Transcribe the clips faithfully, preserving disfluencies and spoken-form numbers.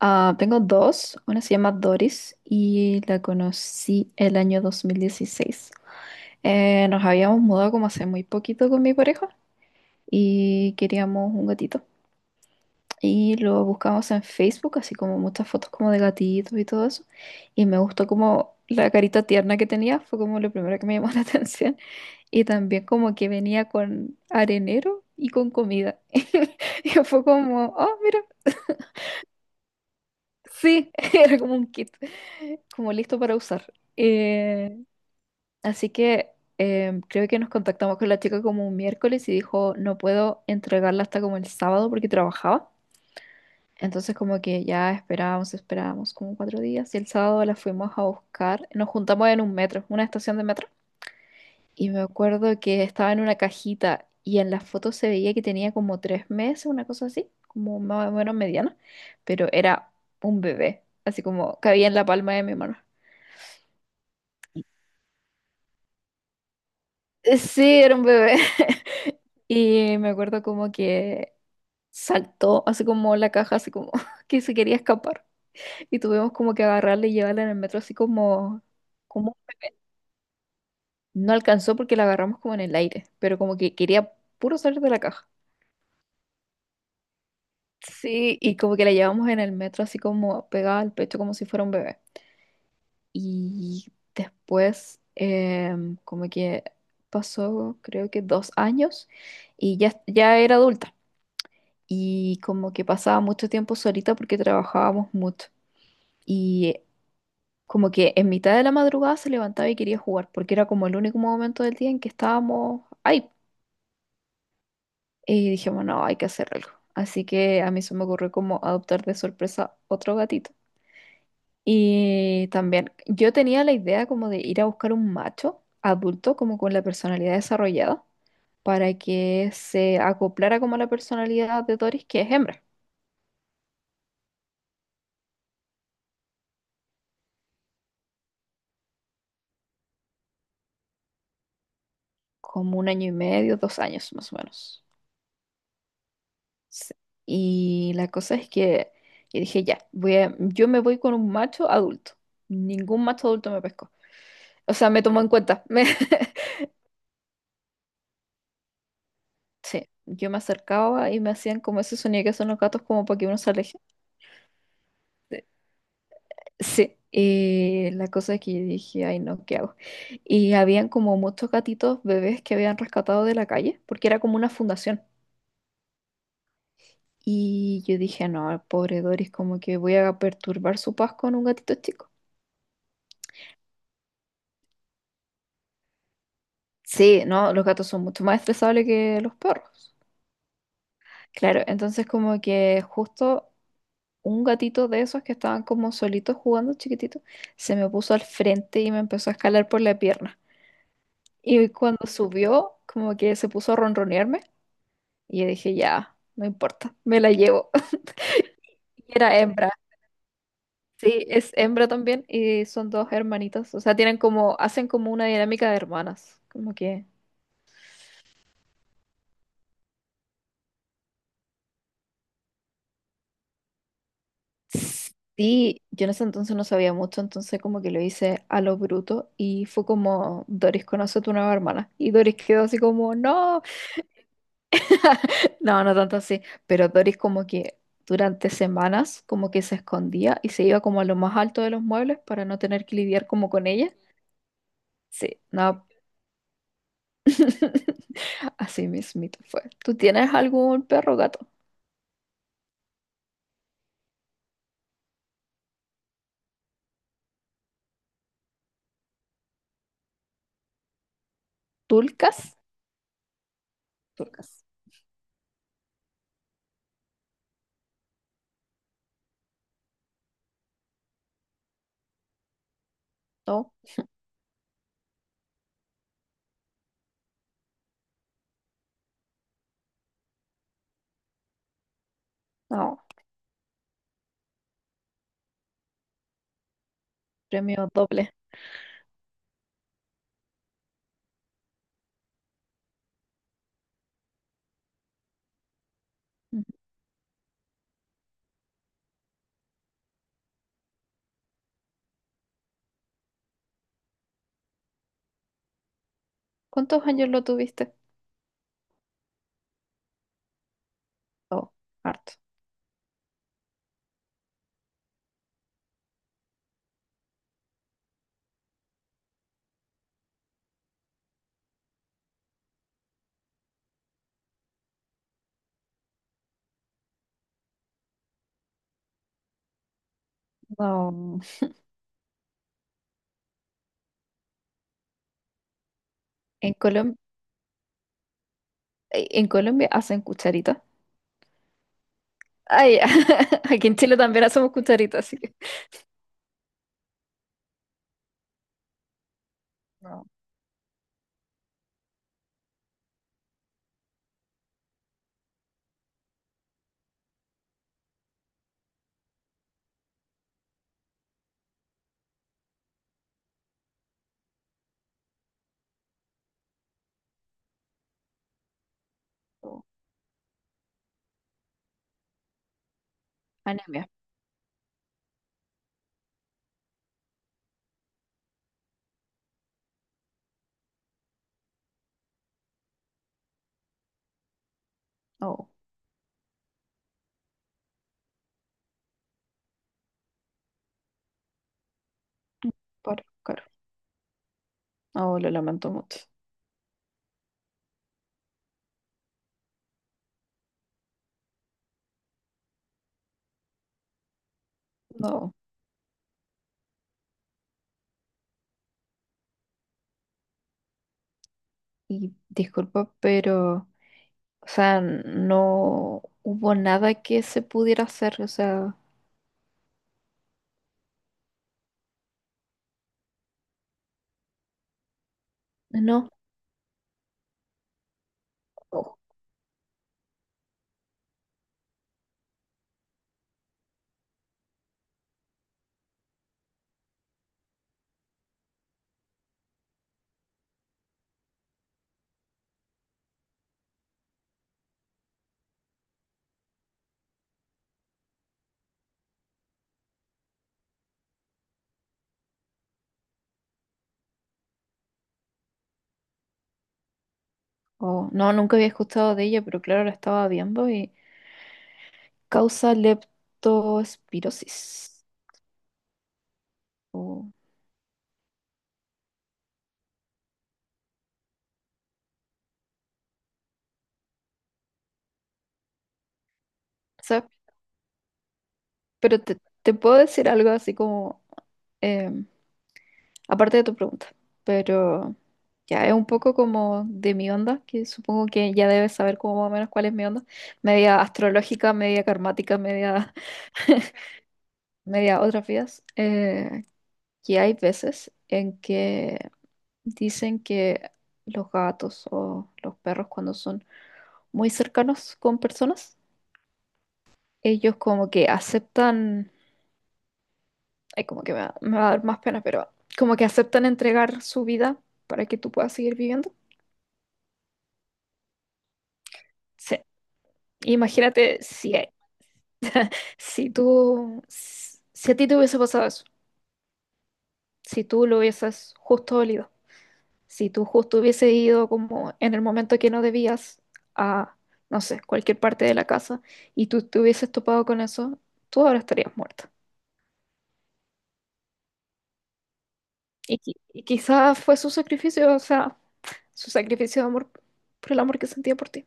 Ah, tengo dos. Una se llama Doris y la conocí el año dos mil dieciséis. Eh, nos habíamos mudado como hace muy poquito con mi pareja y queríamos un gatito. Y lo buscamos en Facebook, así como muchas fotos como de gatitos y todo eso. Y me gustó como la carita tierna que tenía, fue como lo primero que me llamó la atención. Y también como que venía con arenero y con comida. Y fue como, oh, mira, sí, era como un kit, como listo para usar. Eh, así que eh, creo que nos contactamos con la chica como un miércoles y dijo, no puedo entregarla hasta como el sábado porque trabajaba. Entonces como que ya esperábamos, esperábamos como cuatro días y el sábado la fuimos a buscar. Nos juntamos en un metro, una estación de metro. Y me acuerdo que estaba en una cajita y en la foto se veía que tenía como tres meses, una cosa así, como más o menos mediana, pero era un bebé, así como cabía en la palma de mi mano. Eh, Sí, era un bebé. Y me acuerdo como que saltó, así como la caja, así como que se quería escapar. Y tuvimos como que agarrarla y llevarla en el metro, así como, como no alcanzó porque la agarramos como en el aire, pero como que quería puro salir de la caja. Sí, y como que la llevamos en el metro así como pegada al pecho como si fuera un bebé. Y después em, como que pasó creo que dos años y ya, ya era adulta. Y como que pasaba mucho tiempo solita porque trabajábamos mucho. Y como que en mitad de la madrugada se levantaba y quería jugar porque era como el único momento del día en que estábamos ahí. Y dijimos, no, hay que hacer algo. Así que a mí se me ocurrió como adoptar de sorpresa otro gatito. Y también yo tenía la idea como de ir a buscar un macho adulto, como con la personalidad desarrollada, para que se acoplara como a la personalidad de Doris, que es hembra, como un año y medio, dos años más o menos. Sí. Y la cosa es que yo dije, ya, voy a- yo me voy con un macho adulto. Ningún macho adulto me pescó. O sea, me tomó en cuenta. Me- Sí, yo me acercaba y me hacían como ese sonido que son los gatos como para que uno se aleje. Sí, y la cosa es que yo dije, ay no, ¿qué hago? Y habían como muchos gatitos bebés que habían rescatado de la calle, porque era como una fundación. Y yo dije, no, pobre Doris, como que voy a perturbar su paz con un gatito chico. Sí, no, los gatos son mucho más estresables que los perros. Claro, entonces como que justo un gatito de esos que estaban como solitos jugando chiquitito, se me puso al frente y me empezó a escalar por la pierna. Y cuando subió, como que se puso a ronronearme. Y yo dije, ya, no importa, me la llevo. Y era hembra. Sí, es hembra también y son dos hermanitas. O sea, tienen como, hacen como una dinámica de hermanas. Como que... Sí, yo en ese entonces no sabía mucho, entonces como que lo hice a lo bruto y fue como, Doris, conoce a tu nueva hermana. Y Doris quedó así como, no, no, no tanto así, pero Doris como que durante semanas como que se escondía y se iba como a lo más alto de los muebles para no tener que lidiar como con ella. Sí, no, así mismito fue. ¿Tú tienes algún perro o gato? ¿Tulcas? Tulcas. No, no. Premio doble. Ujú. ¿Cuántos años lo tuviste? No, harto. No. En Colom, en Colombia hacen cucharitas. Ay, aquí en Chile también hacemos cucharitas, así que. No. No. Anemia. No, por claro. No, lo lamento mucho. No. Y disculpa, pero, o sea, no hubo nada que se pudiera hacer. O sea, no, oh, oh, no, nunca había escuchado de ella, pero claro, la estaba viendo y causa leptospirosis. Oh, o- ¿sabes? Pero te, te puedo decir algo así como, em, aparte de tu pregunta, pero ya es un poco como de mi onda, que supongo que ya debes saber como más o menos cuál es mi onda, media astrológica, media karmática, media, media otras vidas, eh, que hay veces en que dicen que los gatos o los perros cuando son muy cercanos con personas, ellos como que aceptan, ay, como que me va, me va a dar más pena, pero como que aceptan entregar su vida para que tú puedas seguir viviendo. Sí. Imagínate si, si tú, si a ti te hubiese pasado eso, si tú lo hubieses justo olido. Si tú justo hubiese ido como en el momento que no debías a, no sé, cualquier parte de la casa y tú te hubieses topado con eso, tú ahora estarías muerta. Y, qui- y quizás fue su sacrificio, o sea, su sacrificio de amor por el amor que sentía por ti.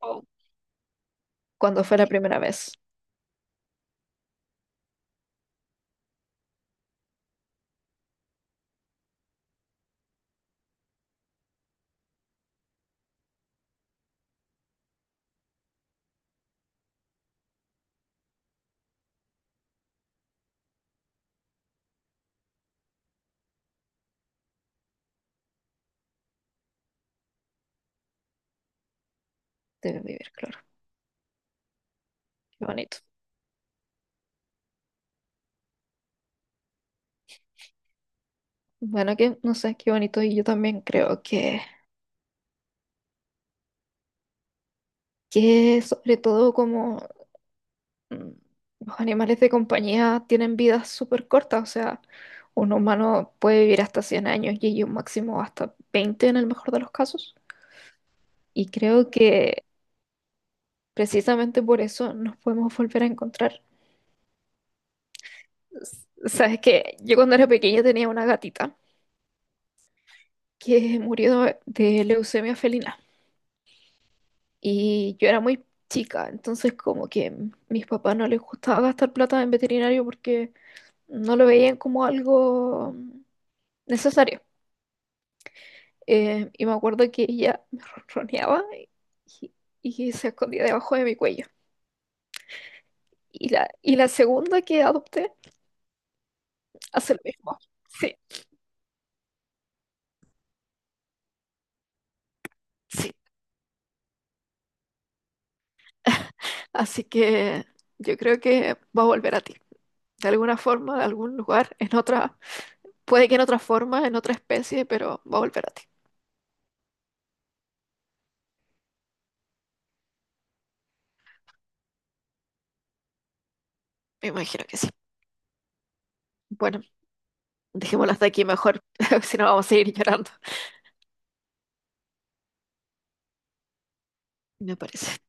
Oh. Cuando fue la primera vez de vivir, claro. Qué bonito. Bueno, que no sé, qué bonito. Y yo también creo que, que sobre todo como mm, los animales de compañía tienen vidas súper cortas, o sea, un humano puede vivir hasta cien años y ellos máximo hasta veinte en el mejor de los casos. Y creo que precisamente por eso nos podemos volver a encontrar. S- Sabes que yo cuando era pequeña tenía una gatita que murió de leucemia felina y yo era muy chica, entonces como que m- mis papás no les gustaba gastar plata en veterinario porque no lo veían como algo necesario. Eh, y me acuerdo que ella me ronroneaba y, y se escondía debajo de mi cuello. Y la, y la segunda que adopté hace lo mismo. Sí, sí. Así que yo creo que va a volver a ti. De alguna forma, de algún lugar, en otra, puede que en otra forma, en otra especie, pero va a volver a ti. Me imagino que sí. Bueno, dejémoslo hasta aquí mejor, si no vamos a seguir llorando, me parece.